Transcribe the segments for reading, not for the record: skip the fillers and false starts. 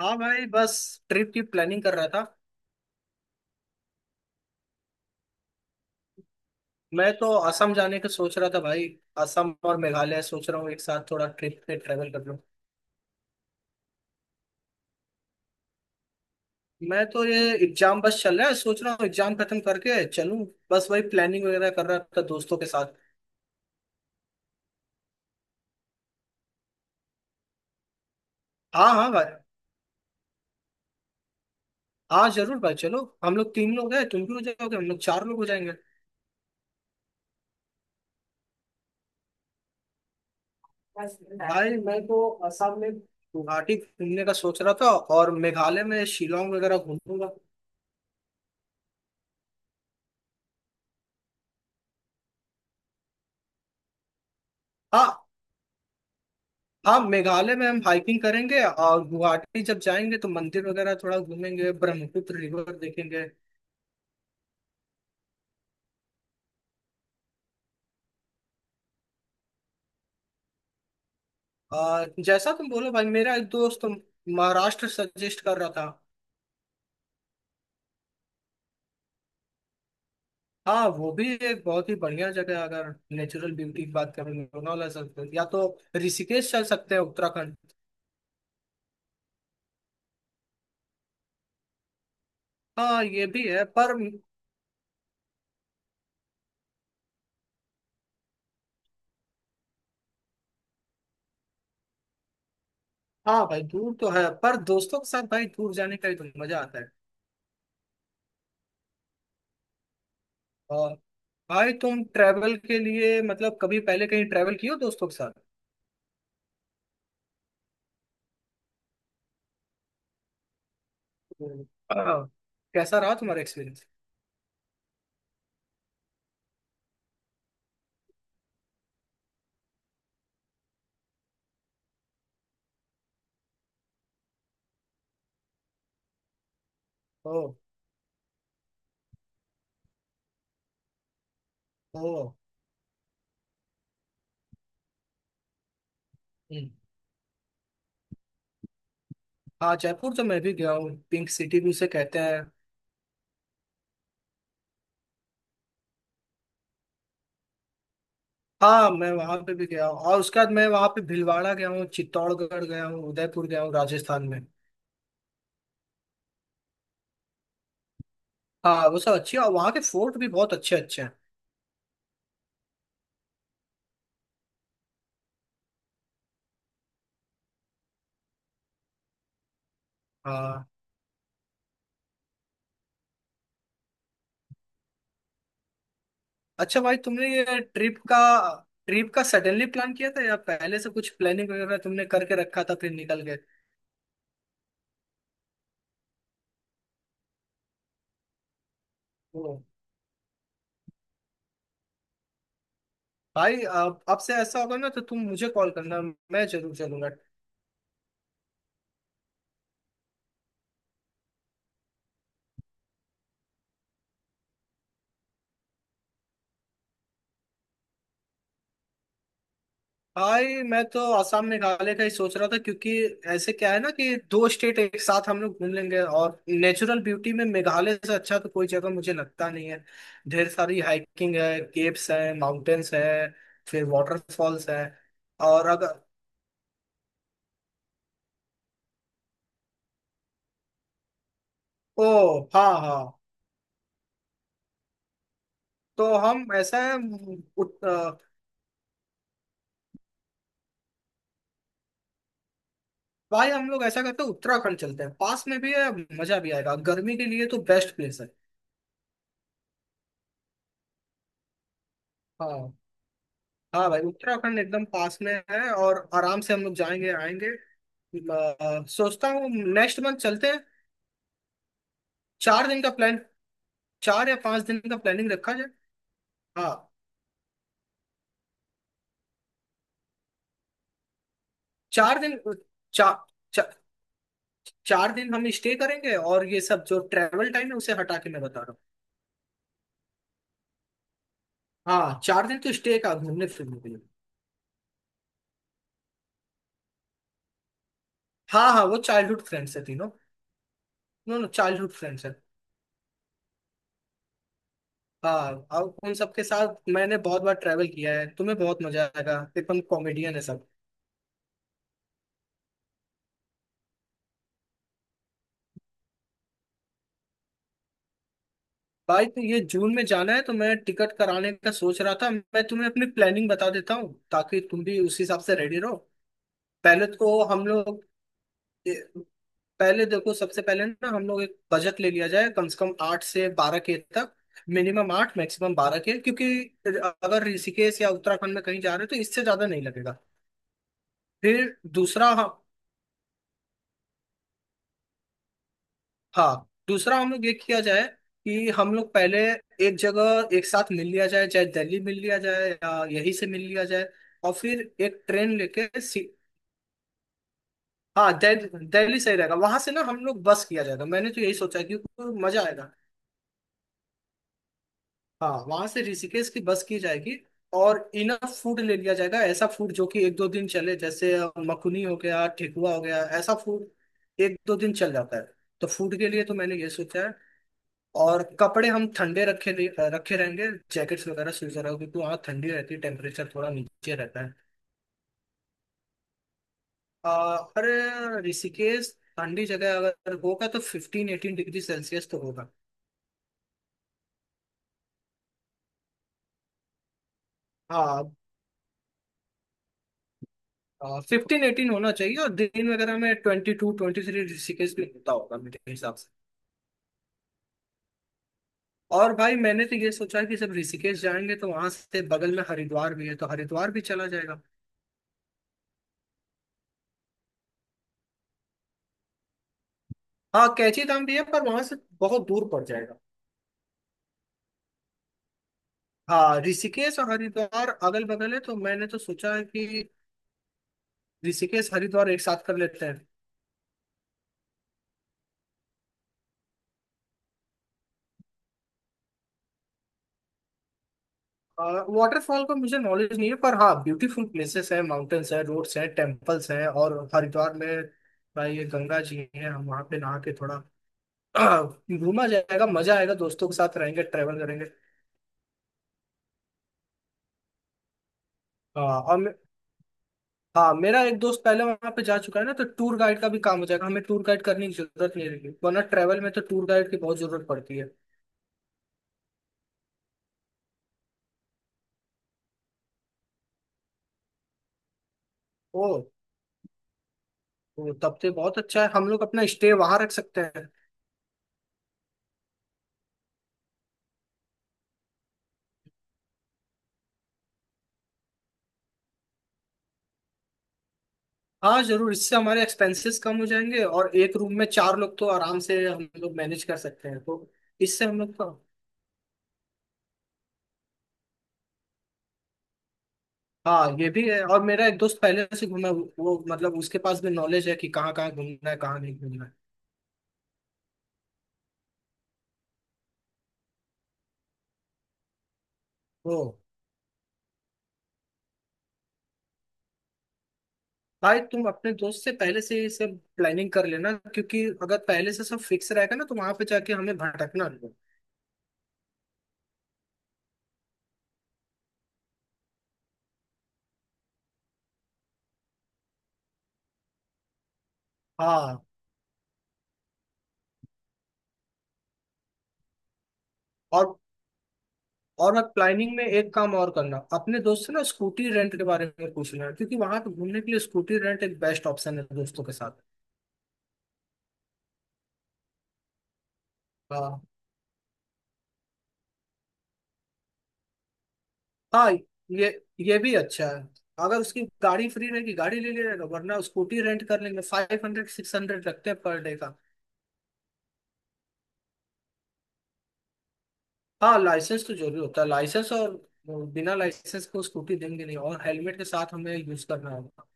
हाँ भाई, बस ट्रिप की प्लानिंग कर रहा था। मैं तो असम जाने का सोच रहा था भाई। असम और मेघालय सोच रहा हूँ, एक साथ थोड़ा ट्रिप पे ट्रेवल कर लूँ। मैं तो ये एग्जाम बस चल रहा है, सोच रहा हूँ एग्जाम खत्म करके चलूँ। बस वही प्लानिंग वगैरह कर रहा था दोस्तों के साथ। हाँ हाँ भाई। हाँ जरूर भाई, चलो। हम लोग तीन लोग हैं, तुम भी हो जाओगे, हम लोग चार लोग हो जाएंगे। भाई मैं तो असम में गुवाहाटी घूमने का सोच रहा था और मेघालय में शिलोंग वगैरह घूमूंगा। हाँ। हाँ मेघालय में हम हाइकिंग करेंगे और गुवाहाटी जब जाएंगे तो मंदिर वगैरह थोड़ा घूमेंगे, ब्रह्मपुत्र रिवर देखेंगे। जैसा तुम बोलो भाई, मेरा एक दोस्त महाराष्ट्र सजेस्ट कर रहा था। हाँ वो भी एक बहुत ही बढ़िया जगह है, अगर नेचुरल ब्यूटी की बात करें लोनावला या तो ऋषिकेश चल सकते हैं उत्तराखंड। हाँ ये भी है पर। हाँ भाई दूर तो है, पर दोस्तों के साथ भाई दूर जाने का ही तो मजा आता है। और भाई तुम ट्रैवल के लिए मतलब कभी पहले कहीं ट्रैवल किए हो दोस्तों के साथ? हम्म, आ, कैसा रहा तुम्हारा एक्सपीरियंस? ओ। ओ। हम्म, हाँ जयपुर तो मैं भी गया हूँ, पिंक सिटी भी उसे कहते हैं। हाँ मैं वहां पे भी गया हूँ और उसके बाद मैं वहां पे भीलवाड़ा गया हूँ, चित्तौड़गढ़ गया हूँ, उदयपुर गया हूँ राजस्थान में। हाँ वो सब अच्छी है और वहाँ के फोर्ट भी बहुत अच्छे अच्छे हैं। हाँ। अच्छा भाई, तुमने ये ट्रिप का सडनली प्लान किया था या पहले से कुछ प्लानिंग वगैरह तुमने करके रखा था फिर निकल गए? ओ। भाई अब से ऐसा होगा ना तो तुम मुझे कॉल करना, मैं जरूर चलूंगा। भाई मैं तो आसाम मेघालय का ही सोच रहा था, क्योंकि ऐसे क्या है ना कि दो स्टेट एक साथ हम लोग घूम लेंगे और नेचुरल ब्यूटी में मेघालय से अच्छा तो कोई जगह मुझे लगता नहीं है। ढेर सारी हाइकिंग है, केव्स है, माउंटेन्स है, फिर वाटरफॉल्स है। और अगर। ओ। हाँ हाँ। तो हम ऐसा है। उत, अ, भाई हम लोग ऐसा करते हैं, उत्तराखंड चलते हैं, पास में भी है, मजा भी आएगा, गर्मी के लिए तो बेस्ट प्लेस है। हाँ। हाँ भाई उत्तराखंड एकदम पास में है और आराम से हम लोग जाएंगे आएंगे। सोचता हूँ नेक्स्ट मंथ चलते हैं। 4 दिन का प्लान, 4 या 5 दिन का प्लानिंग रखा जाए। हाँ। 4 दिन। चा, चा, 4 दिन हम स्टे करेंगे और ये सब जो ट्रैवल टाइम है उसे हटा के मैं बता रहा हूँ। हाँ चार दिन तो स्टे का घूमने फिरने के लिए। हाँ हाँ वो चाइल्डहुड फ्रेंड्स है तीनों। नो नो चाइल्डहुड फ्रेंड्स है। हाँ और उन सबके साथ मैंने बहुत बार ट्रैवल किया है, तुम्हें बहुत मजा आएगा, एकदम कॉमेडियन है सब। भाई तो ये जून में जाना है तो मैं टिकट कराने का सोच रहा था, मैं तुम्हें अपनी प्लानिंग बता देता हूँ ताकि तुम भी उस हिसाब से रेडी रहो। पहले तो हम लोग पहले देखो सबसे पहले ना हम लोग एक बजट ले लिया जाए कम से कम 8 से 12 के तक। मिनिमम 8 मैक्सिमम 12 के, क्योंकि अगर ऋषिकेश या उत्तराखंड में कहीं जा रहे हो तो इससे ज्यादा नहीं लगेगा। फिर दूसरा, हाँ, हाँ, दूसरा हम लोग ये किया जाए कि हम लोग पहले एक जगह एक साथ मिल लिया जाए, चाहे दिल्ली मिल लिया जाए या यहीं से मिल लिया जाए, और फिर एक ट्रेन लेके सी। हाँ दिल्ली सही रहेगा, वहां से ना हम लोग बस किया जाएगा, मैंने तो यही सोचा है, क्योंकि मजा आएगा। हाँ वहां से ऋषिकेश की बस की जाएगी और इनफ फूड ले लिया जाएगा, ऐसा फूड जो कि एक दो दिन चले, जैसे मखनी हो गया, ठेकुआ हो गया, ऐसा फूड एक दो दिन चल जाता है, तो फूड के लिए तो मैंने ये सोचा है। और कपड़े हम ठंडे रखे नहीं- रखे रहेंगे, जैकेट्स वगैरह स्वीज वगैरह, क्योंकि वहाँ ठंडी रहती है, टेम्परेचर थोड़ा नीचे रहता है। अरे ऋषिकेश ठंडी जगह अगर होगा तो 15-18 डिग्री सेल्सियस तो होगा। हाँ 15-18 होना चाहिए और दिन वगैरह में 22-23 ऋषिकेश भी होता होगा मेरे हिसाब से। और भाई मैंने तो ये सोचा है कि जब ऋषिकेश जाएंगे तो वहां से बगल में हरिद्वार भी है तो हरिद्वार भी चला जाएगा। हाँ कैची धाम भी है पर वहां से बहुत दूर पड़ जाएगा। हाँ ऋषिकेश और हरिद्वार अगल बगल है तो मैंने तो सोचा कि ऋषिकेश हरिद्वार एक साथ कर लेते हैं। वाटरफॉल का मुझे नॉलेज नहीं है, पर हाँ ब्यूटीफुल प्लेसेस है, माउंटेन्स है, रोड्स हैं, टेम्पल्स हैं, और हरिद्वार में भाई ये गंगा जी हैं, हम वहाँ पे नहा के थोड़ा घूमा जाएगा, मजा आएगा, दोस्तों के साथ रहेंगे, ट्रेवल करेंगे। हाँ हाँ मेरा एक दोस्त पहले वहाँ पे जा चुका है ना तो टूर गाइड का भी काम हो जाएगा, हमें टूर गाइड करने की जरूरत नहीं रहेगी, वरना ट्रेवल में तो टूर गाइड की बहुत जरूरत पड़ती है। ओ वो तब तो बहुत अच्छा है, हम लोग अपना स्टे वहां रख सकते हैं। हाँ जरूर, इससे हमारे एक्सपेंसेस कम हो जाएंगे और एक रूम में चार लोग तो आराम से हम लोग मैनेज कर सकते हैं, तो इससे हम लोग का। हाँ ये भी है और मेरा एक दोस्त पहले से घूमा है, वो मतलब उसके पास भी नॉलेज है कि कहाँ कहाँ घूमना है कहाँ नहीं घूमना है, तो भाई तुम अपने दोस्त से पहले से ही सब प्लानिंग कर लेना, क्योंकि अगर पहले से सब फिक्स रहेगा ना तो वहां पे जाके हमें भटकना नहीं है। हाँ और और मैं प्लानिंग में एक काम और करना अपने दोस्त से ना, स्कूटी रेंट के बारे में पूछ लेना, क्योंकि वहां पे घूमने के लिए स्कूटी रेंट एक बेस्ट ऑप्शन है दोस्तों के साथ। हाँ हाँ ये ये भी अच्छा है, अगर उसकी गाड़ी फ्री रहेगी गाड़ी ले लेगा वरना स्कूटी रेंट कर लेंगे, 500-600 लगते हैं पर डे का। हाँ लाइसेंस तो जरूरी होता है, लाइसेंस और बिना लाइसेंस को स्कूटी देंगे नहीं और हेलमेट के साथ हमें यूज करना होगा।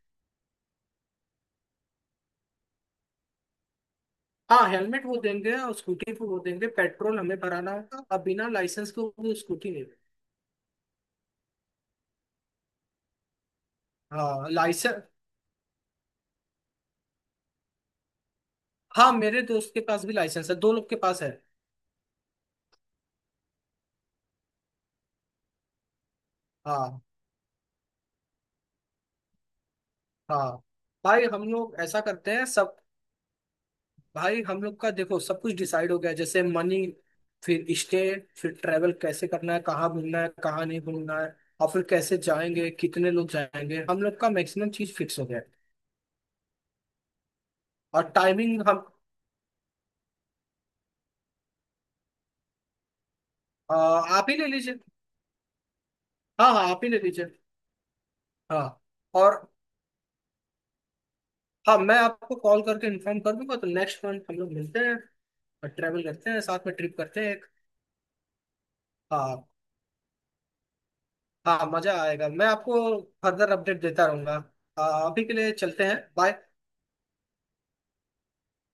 हाँ हेलमेट वो देंगे और स्कूटी को वो देंगे, पेट्रोल हमें भराना होगा और बिना लाइसेंस को वो स्कूटी नहीं। हाँ लाइसेंस। हाँ मेरे दोस्त के पास भी लाइसेंस है, दो लोग के पास है। हाँ हाँ भाई हम लोग ऐसा करते हैं सब। भाई हम लोग का देखो सब कुछ डिसाइड हो गया है, जैसे मनी, फिर स्टे, फिर ट्रैवल कैसे करना है, कहाँ घूमना है कहाँ नहीं घूमना है, और फिर कैसे जाएंगे कितने लोग जाएंगे, हम लोग का मैक्सिमम चीज फिक्स हो गया है। और टाइमिंग हम। आ, आप ही ले लीजिए। हाँ हाँ आप ही ले लीजिए। हाँ और हाँ मैं आपको कॉल करके इन्फॉर्म कर दूंगा, तो नेक्स्ट मंथ हम लोग मिलते हैं और ट्रैवल करते हैं साथ में, ट्रिप करते हैं एक। हाँ हाँ मजा आएगा, मैं आपको फर्दर अपडेट देता रहूंगा। आ, अभी के लिए चलते हैं, बाय।